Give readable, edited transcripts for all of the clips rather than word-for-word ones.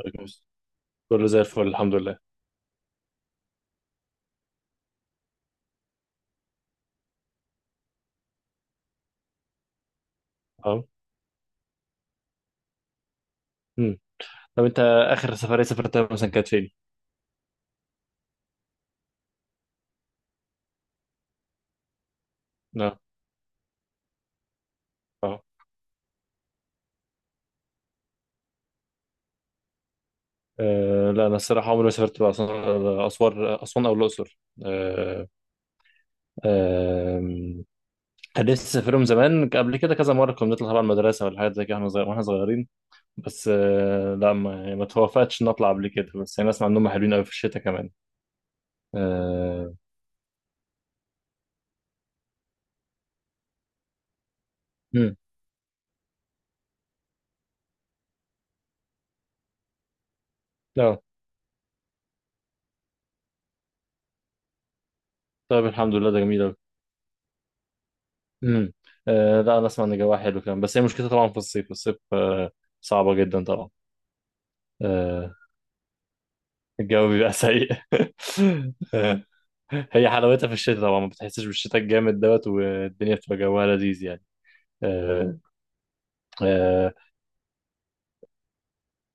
عليكم السلام. كله زي الفل الحمد لله. اه. مم. طب انت اخر سفريه سافرتها مثلا كانت فين؟ اه. اه. لا، انا الصراحه عمري ما سافرت بقى اسوان اسوان او الاقصر. آه. آه. كان نفسي اسافرهم زمان قبل كده كذا مره، كنا بنطلع طبعا المدرسه ولا حاجات زي كده واحنا صغيرين. بس لا، ما, يعني ما توفقتش نطلع قبل كده، بس انا اسمع انهم حلوين قوي في الشتاء كمان. آه. مم. لا. طيب الحمد لله، ده جميل أوي. امم. آه. لا انا اسمع ان الجو حلو كمان، بس هي مشكلتها طبعا في الصيف صعبة جدا طبعا. آه الجو بيبقى سيء آه. هي حلاوتها في الشتاء طبعا، ما بتحسش بالشتاء الجامد دوت، والدنيا بتبقى جوها لذيذ يعني. آه. آه.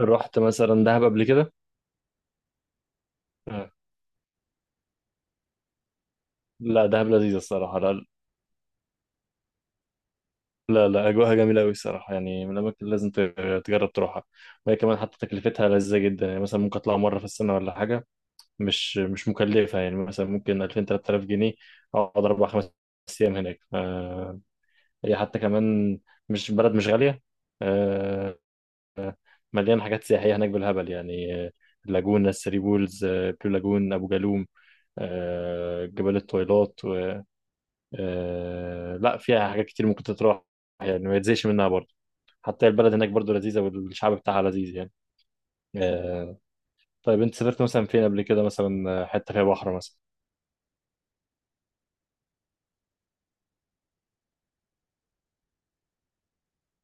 رحت مثلا دهب قبل كده. آه. لا، دهب لذيذة الصراحة، لا. لا، لا، أجواءها جميلة أوي الصراحة، يعني من الأماكن اللي لازم تجرب تروحها. وهي كمان حتى تكلفتها لذيذة جدا، يعني مثلا ممكن أطلع مرة في السنة ولا حاجة. مش مكلفة، يعني مثلا ممكن 2000 3000 جنيه، أقعد 4 5 أيام هناك. هي حتى كمان مش بلد، مش غالية. آه، مليان حاجات سياحية هناك بالهبل يعني. اللاجونة، الثري بولز، بلو لاجون، أبو جالوم، جبال الطويلات و... لا، فيها حاجات كتير ممكن تتراح، يعني ما يتزهقش منها برضه. حتى البلد هناك برضه لذيذة والشعب بتاعها لذيذ يعني. آه، طيب، أنت سافرت مثلا فين قبل كده؟ مثلا حتة فيها بحر مثلا؟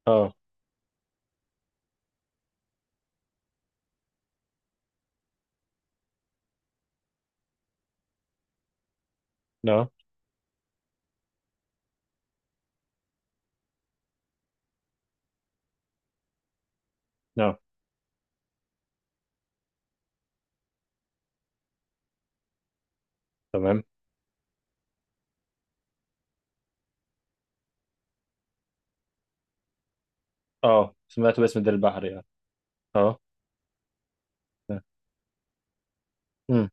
اه. لا. لا. تمام. اه، سمعت باسم دير البحر يعني. اه. امم.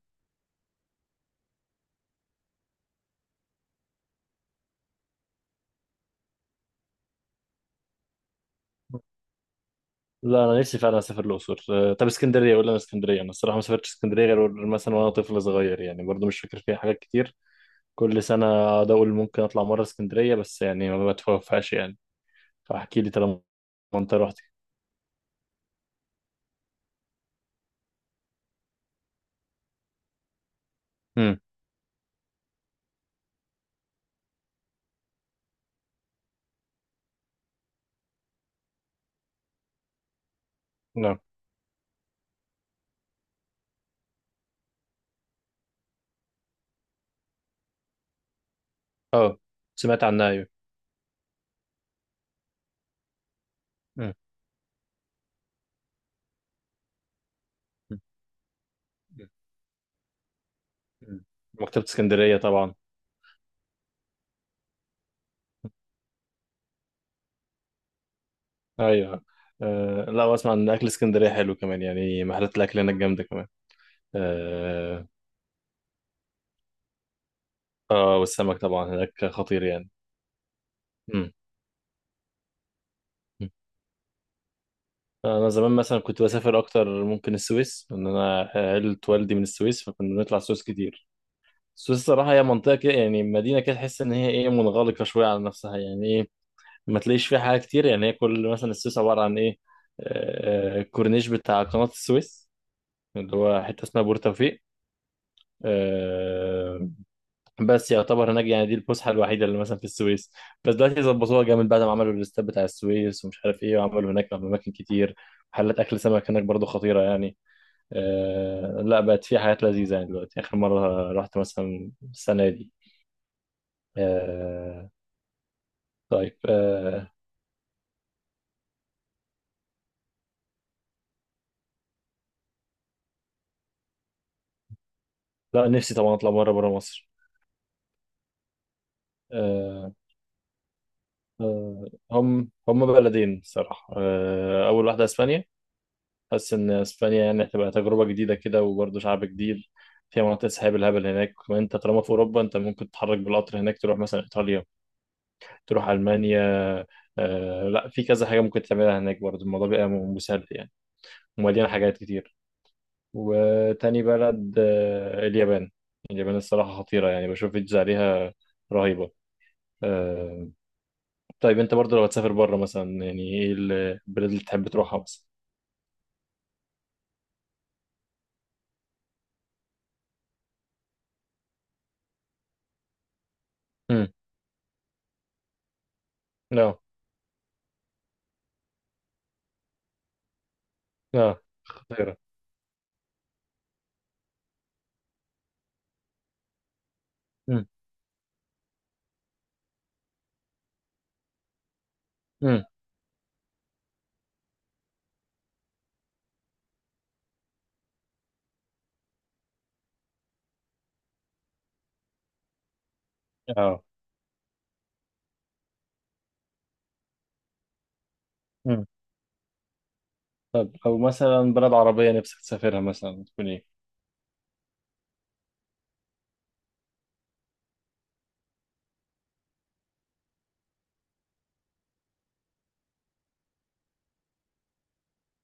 لا انا نفسي فعلا اسافر الاقصر. طب، اسكندريه، قول لنا اسكندريه. انا الصراحه ما سافرتش اسكندريه غير مثلا وانا طفل صغير يعني، برضو مش فاكر فيها حاجات كتير. كل سنه اقعد اقول ممكن اطلع مره اسكندريه، بس يعني ما بتوفقش يعني. فاحكي لي طالما انت رحت. امم. نعم. اه سمعت عنها، ايوه. مم. مم. مم. مكتبه اسكندريه طبعا. ايوه. أه لا، واسمع ان اكل اسكندريه حلو كمان، يعني محلات الاكل هناك جامده كمان. آه، اه، والسمك طبعا هناك خطير يعني. مم. مم. انا زمان مثلا كنت بسافر اكتر ممكن السويس، ان انا عيلة والدي من السويس، فكنا بنطلع السويس كتير. السويس صراحة هي منطقة كده، يعني مدينة كده تحس ان هي ايه منغلقة شوية على نفسها، يعني ايه. ما تلاقيش فيها حاجة كتير يعني. هي كل مثلا السويس عبارة عن ايه؟ الكورنيش بتاع قناة السويس، اللي هو حتة اسمها بورتوفيق. بس يعتبر هناك يعني دي الفسحه الوحيده اللي مثلا في السويس. بس دلوقتي ظبطوها جامد بعد ما عملوا الاستاد بتاع السويس ومش عارف ايه، وعملوا هناك اماكن كتير. محلات اكل سمك هناك برضو خطيره يعني. لا، بقت في حاجات لذيذه يعني دلوقتي، اخر مره رحت مثلا السنه دي. آه. طيب. لا، نفسي طبعا اطلع مره بره مصر. آه هم بلدين صراحه. اول واحده اسبانيا. حاسس ان اسبانيا يعني هتبقى تجربه جديده كده، وبرضه شعب جديد. فيها مناطق سحاب الهبل هناك كمان. انت طالما في اوروبا، انت ممكن تتحرك بالقطر هناك، تروح مثلا ايطاليا، تروح المانيا. لا، في كذا حاجه ممكن تعملها هناك برضه، الموضوع بيبقى مسهل يعني. ومليان حاجات كتير. وتاني بلد اليابان. اليابان الصراحه خطيره يعني، بشوف فيديوز عليها رهيبه. آه. طيب، انت برضه لو هتسافر بره مثلا، يعني ايه البلد اللي تحب تروحها مثلا؟ امم. لا. لا. خطيره. امم. امم. اه. طب، او مثلا بلد عربيه نفسك تسافرها مثلا تكون ايه؟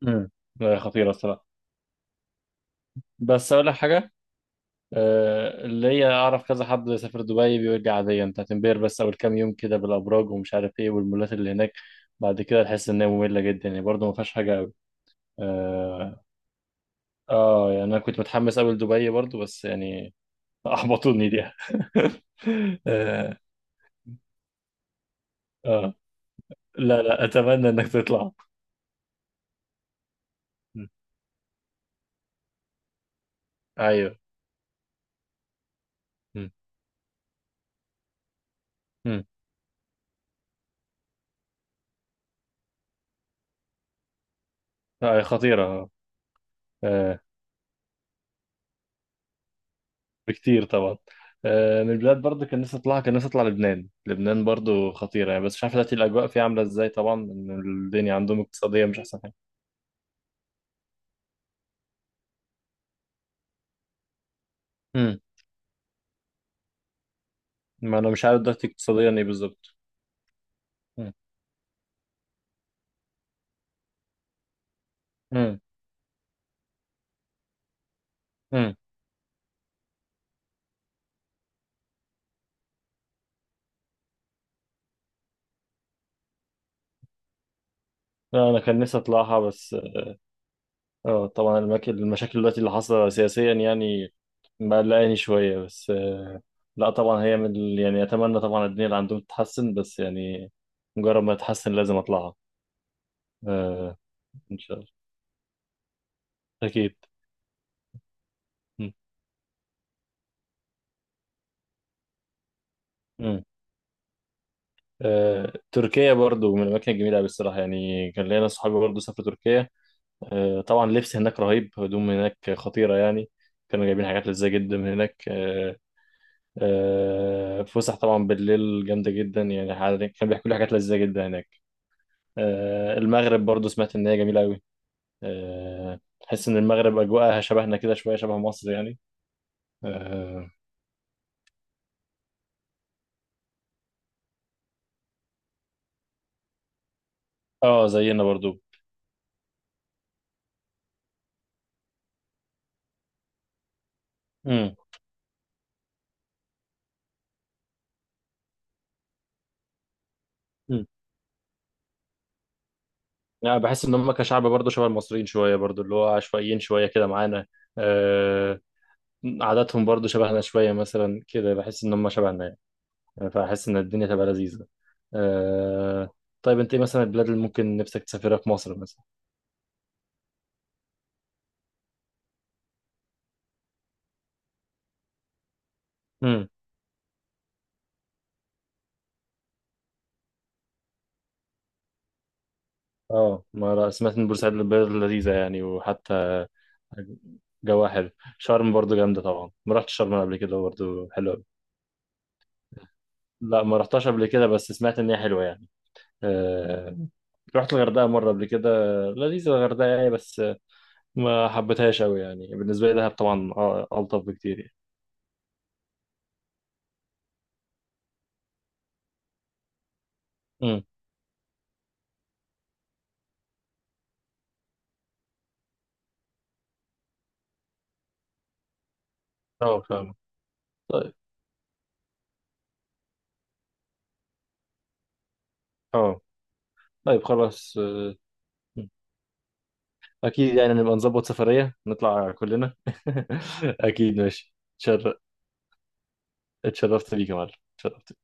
امم. لا، خطيره الصراحه. بس اقول لك حاجه. اللي هي اعرف كذا حد سافر دبي بيرجع عاديا. انت هتنبهر بس اول كام يوم كده بالابراج ومش عارف ايه والمولات اللي هناك. بعد كده تحس انها ممله جدا، يعني برضه ما فيهاش حاجه قوي. اه. يعني انا كنت متحمس قوي لدبي برضه، بس يعني، احبطوني دي اه. آه. لا. لا، اتمنى انك تطلع. م. ايوه. مم. مم. لا، خطيره. آه. بكتير طبعا. من البلاد برضو، كان نفسي اطلع لبنان. لبنان برضو خطيرة يعني، بس مش عارف دلوقتي الاجواء فيها عاملة ازاي طبعا، ان الدنيا عندهم اقتصادية مش احسن حاجة. امم. ما انا مش عارف دلوقتي اقتصاديا ايه بالظبط. امم. امم. أمم. لا انا كان نفسي اطلعها، بس. اه، طبعا المشاكل دلوقتي اللي حاصلة سياسيا يعني مقلقاني شوية، بس. لا طبعا، هي من يعني، اتمنى طبعا الدنيا اللي عندهم تتحسن، بس يعني مجرد ما تتحسن لازم اطلعها. آه، ان شاء الله. اكيد. امم. تركيا برضو من الأماكن الجميلة أوي الصراحة، يعني كان ليا ناس صحابي برضو سافروا تركيا. طبعا لبس هناك رهيب، هدوم هناك خطيرة يعني. كانوا جايبين حاجات لذيذة جدا من هناك. فسح طبعا بالليل جامدة جدا، يعني كان بيحكوا لي حاجات لذيذة جدا هناك. المغرب برضو سمعت إن هي جميلة أوي. تحس إن المغرب أجواءها شبهنا كده شوية، شبه مصر يعني. اه. زينا برضو. مم. يعني بحس ان هم كشعب برضه شبه المصريين شويه، برضه اللي هو عشوائيين شويه كده معانا. آه عاداتهم برضه شبهنا شويه، مثلا كده بحس ان هم شبهنا يعني. يعني فاحس ان الدنيا تبقى لذيذه. آه طيب، انت ايه مثلا البلاد اللي ممكن نفسك تسافرها في مصر مثلا؟ امم. اه، ما أنا سمعت ان بورسعيد البلد لذيذه يعني، وحتى جواها حلو. شرم برضه جامده طبعا، ما رحتش شرم قبل كده، برضه حلوه. لا ما رحتهاش قبل كده، بس سمعت ان هي حلوه يعني. آه، رحت الغردقة مرة قبل كده. لذيذة الغردقة يعني، بس ما حبيتهاش أوي يعني. بالنسبة لي دهب طبعا ألطف بكتير يعني. مم. اه فاهم. طيب. اه. طيب خلاص. أكيد يعني نبقى نظبط سفرية نطلع كلنا أكيد. ماشي. اتشرفت بيك يا معلم، اتشرفت.